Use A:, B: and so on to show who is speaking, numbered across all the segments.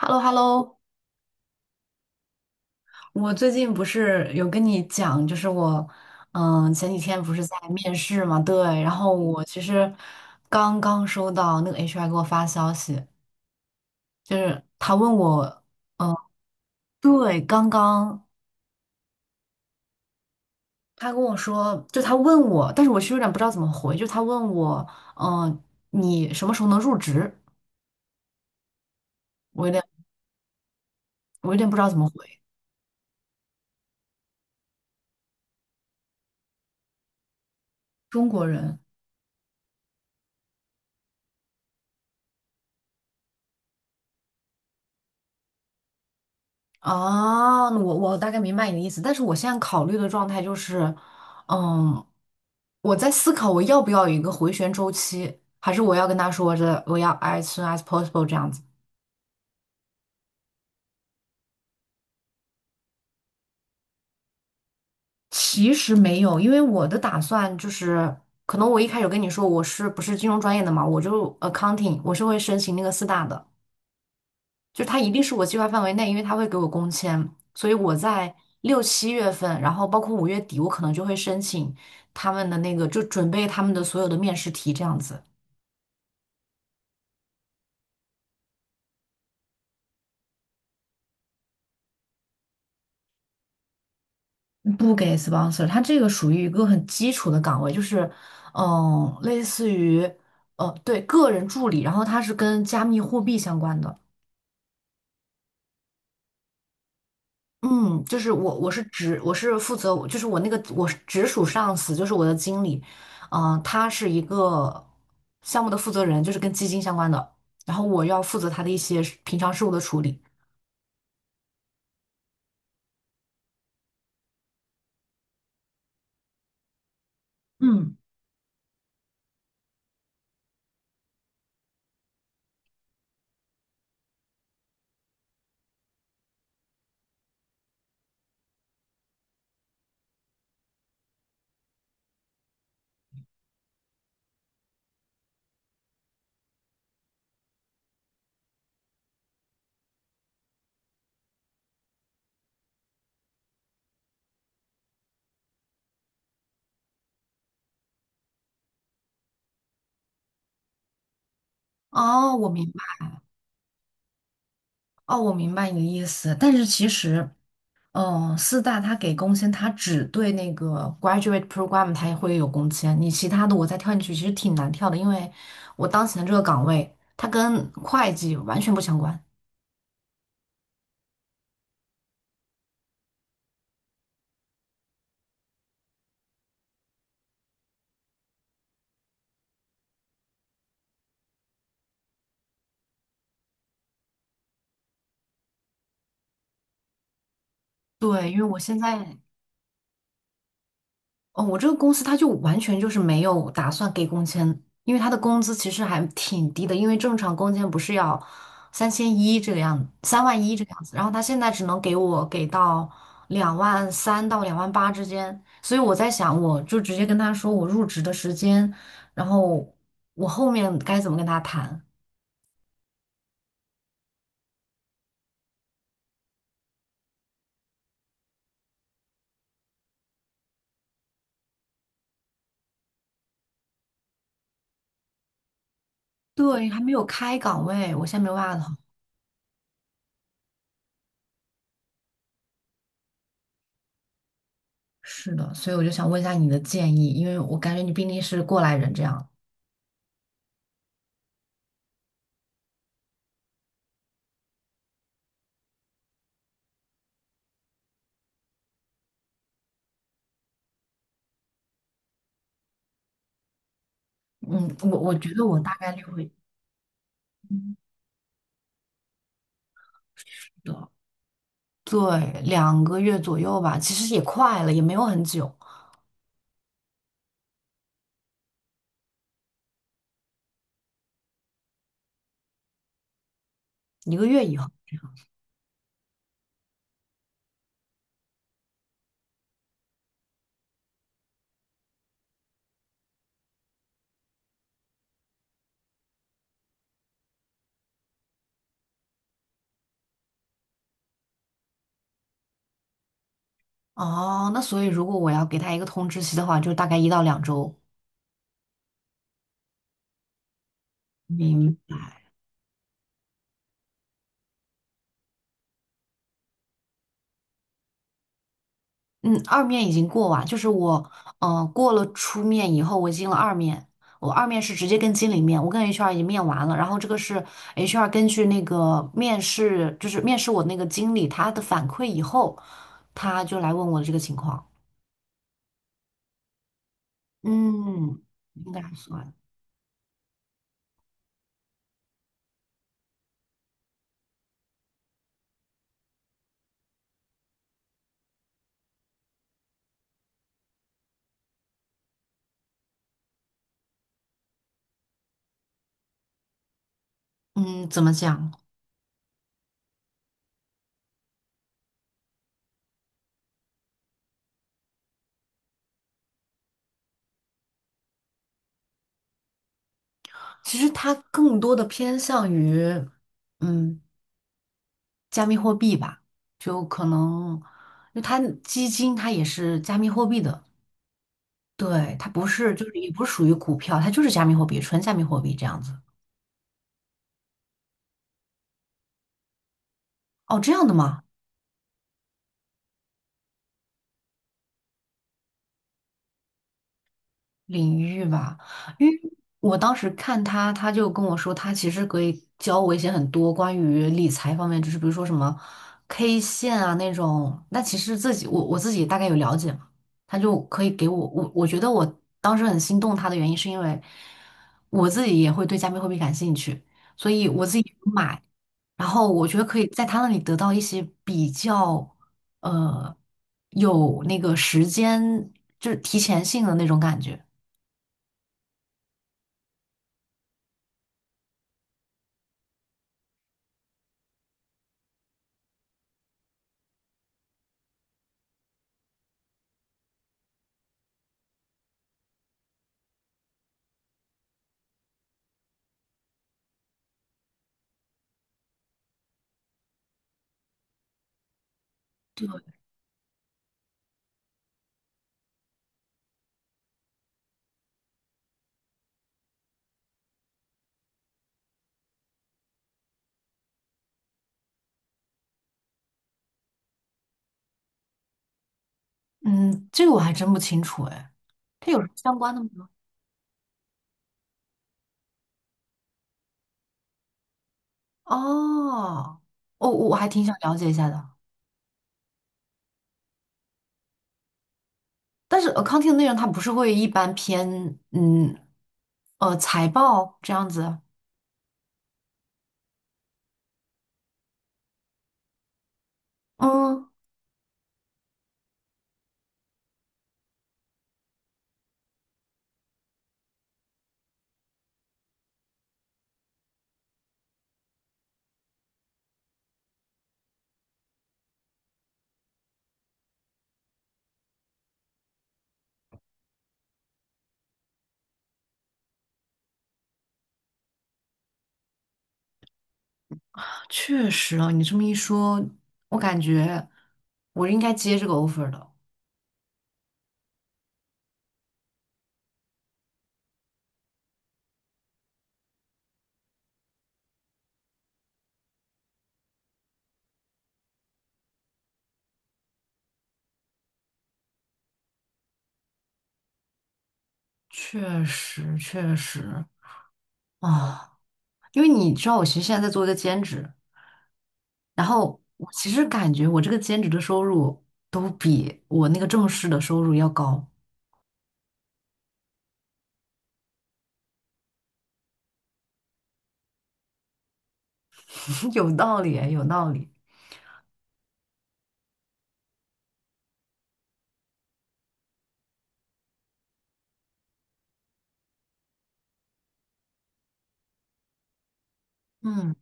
A: h e l l o hello 我最近不是有跟你讲，就是我，前几天不是在面试嘛，对，然后我其实刚刚收到那个 HR 给我发消息，就是他问我，对，刚刚他跟我说，就他问我，但是我其实有点不知道怎么回，就他问我，嗯，你什么时候能入职？我有点，我有点不知道怎么回，中国人。哦，我大概明白你的意思，但是我现在考虑的状态就是，嗯，我在思考我要不要有一个回旋周期，还是我要跟他说着我要 as soon as possible 这样子。其实没有，因为我的打算就是，可能我一开始跟你说我是不是金融专业的嘛，我就 accounting，我是会申请那个四大的。就它一定是我计划范围内，因为它会给我工签，所以我在6、7月份，然后包括5月底，我可能就会申请他们的那个，就准备他们的所有的面试题这样子。不给 sponsor，它这个属于一个很基础的岗位，就是类似于对，个人助理，然后它是跟加密货币相关的。嗯，就是我，我是直，我是负责，就是我那个我是直属上司，就是我的经理，他是一个项目的负责人，就是跟基金相关的，然后我要负责他的一些事平常事务的处理。嗯，哦，我明白，哦，我明白你的意思，但是其实，四大他给工签，他只对那个 graduate program 他也会有工签，你其他的我再跳进去其实挺难跳的，因为我当前的这个岗位它跟会计完全不相关。对，因为我现在。哦，我这个公司它就完全就是没有打算给工签，因为它的工资其实还挺低的，因为正常工签不是要3万1这个样，子，3万1这个样子，然后他现在只能给我给到2万3到2万8之间，所以我在想，我就直接跟他说我入职的时间，然后我后面该怎么跟他谈？对，还没有开岗位，我现在没有办法投。是的，所以我就想问一下你的建议，因为我感觉你毕竟是过来人这样。嗯，我觉得我大概率会。的，对，2个月左右吧，其实也快了，也没有很久，1个月以后。哦，那所以如果我要给他一个通知期的话，就大概1到2周。明白。嗯，二面已经过完，就是我，过了初面以后，我进了二面。我二面是直接跟经理面，我跟 HR 已经面完了，然后这个是 HR 根据那个面试，就是面试我那个经理他的反馈以后，他就来问我的这个情况。嗯，应该还算。嗯，怎么讲？其实它更多的偏向于，嗯，加密货币吧，就可能，因为它基金它也是加密货币的，对，它不是，就是也不是属于股票，它就是加密货币，纯加密货币这样子。哦，这样的吗？领域吧，因为我当时看他，他就跟我说，他其实可以教我一些很多关于理财方面，就是比如说什么 K 线啊那种，那其实自己我自己大概有了解嘛，他就可以给我我觉得我当时很心动他的原因是因为我自己也会对加密货币感兴趣，所以我自己有买，然后我觉得可以在他那里得到一些比较呃有那个时间就是提前性的那种感觉。嗯，这个我还真不清楚哎，它有什么相关的吗？哦，我还挺想了解一下的。但是 accounting 的内容它不是会一般偏财报这样子？嗯，确实啊，你这么一说，我感觉我应该接这个 offer 的。确实，确实啊，因为你知道，我其实现在在做一个兼职，然后我其实感觉我这个兼职的收入都比我那个正式的收入要高。有道理哎，有道理。嗯，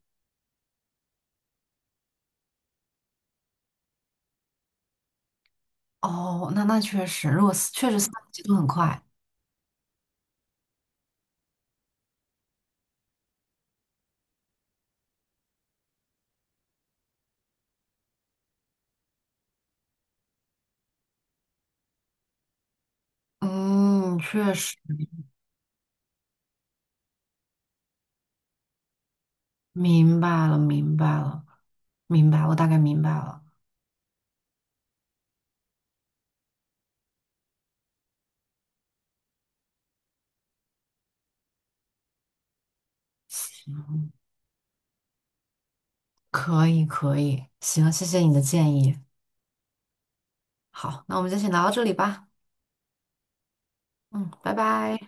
A: 哦，那那确实，如果是确实三个节奏很快，嗯，确实明白了，明白了，明白，我大概明白了。可以，可以，行，谢谢你的建议。好，那我们就先聊到这里吧。嗯，拜拜。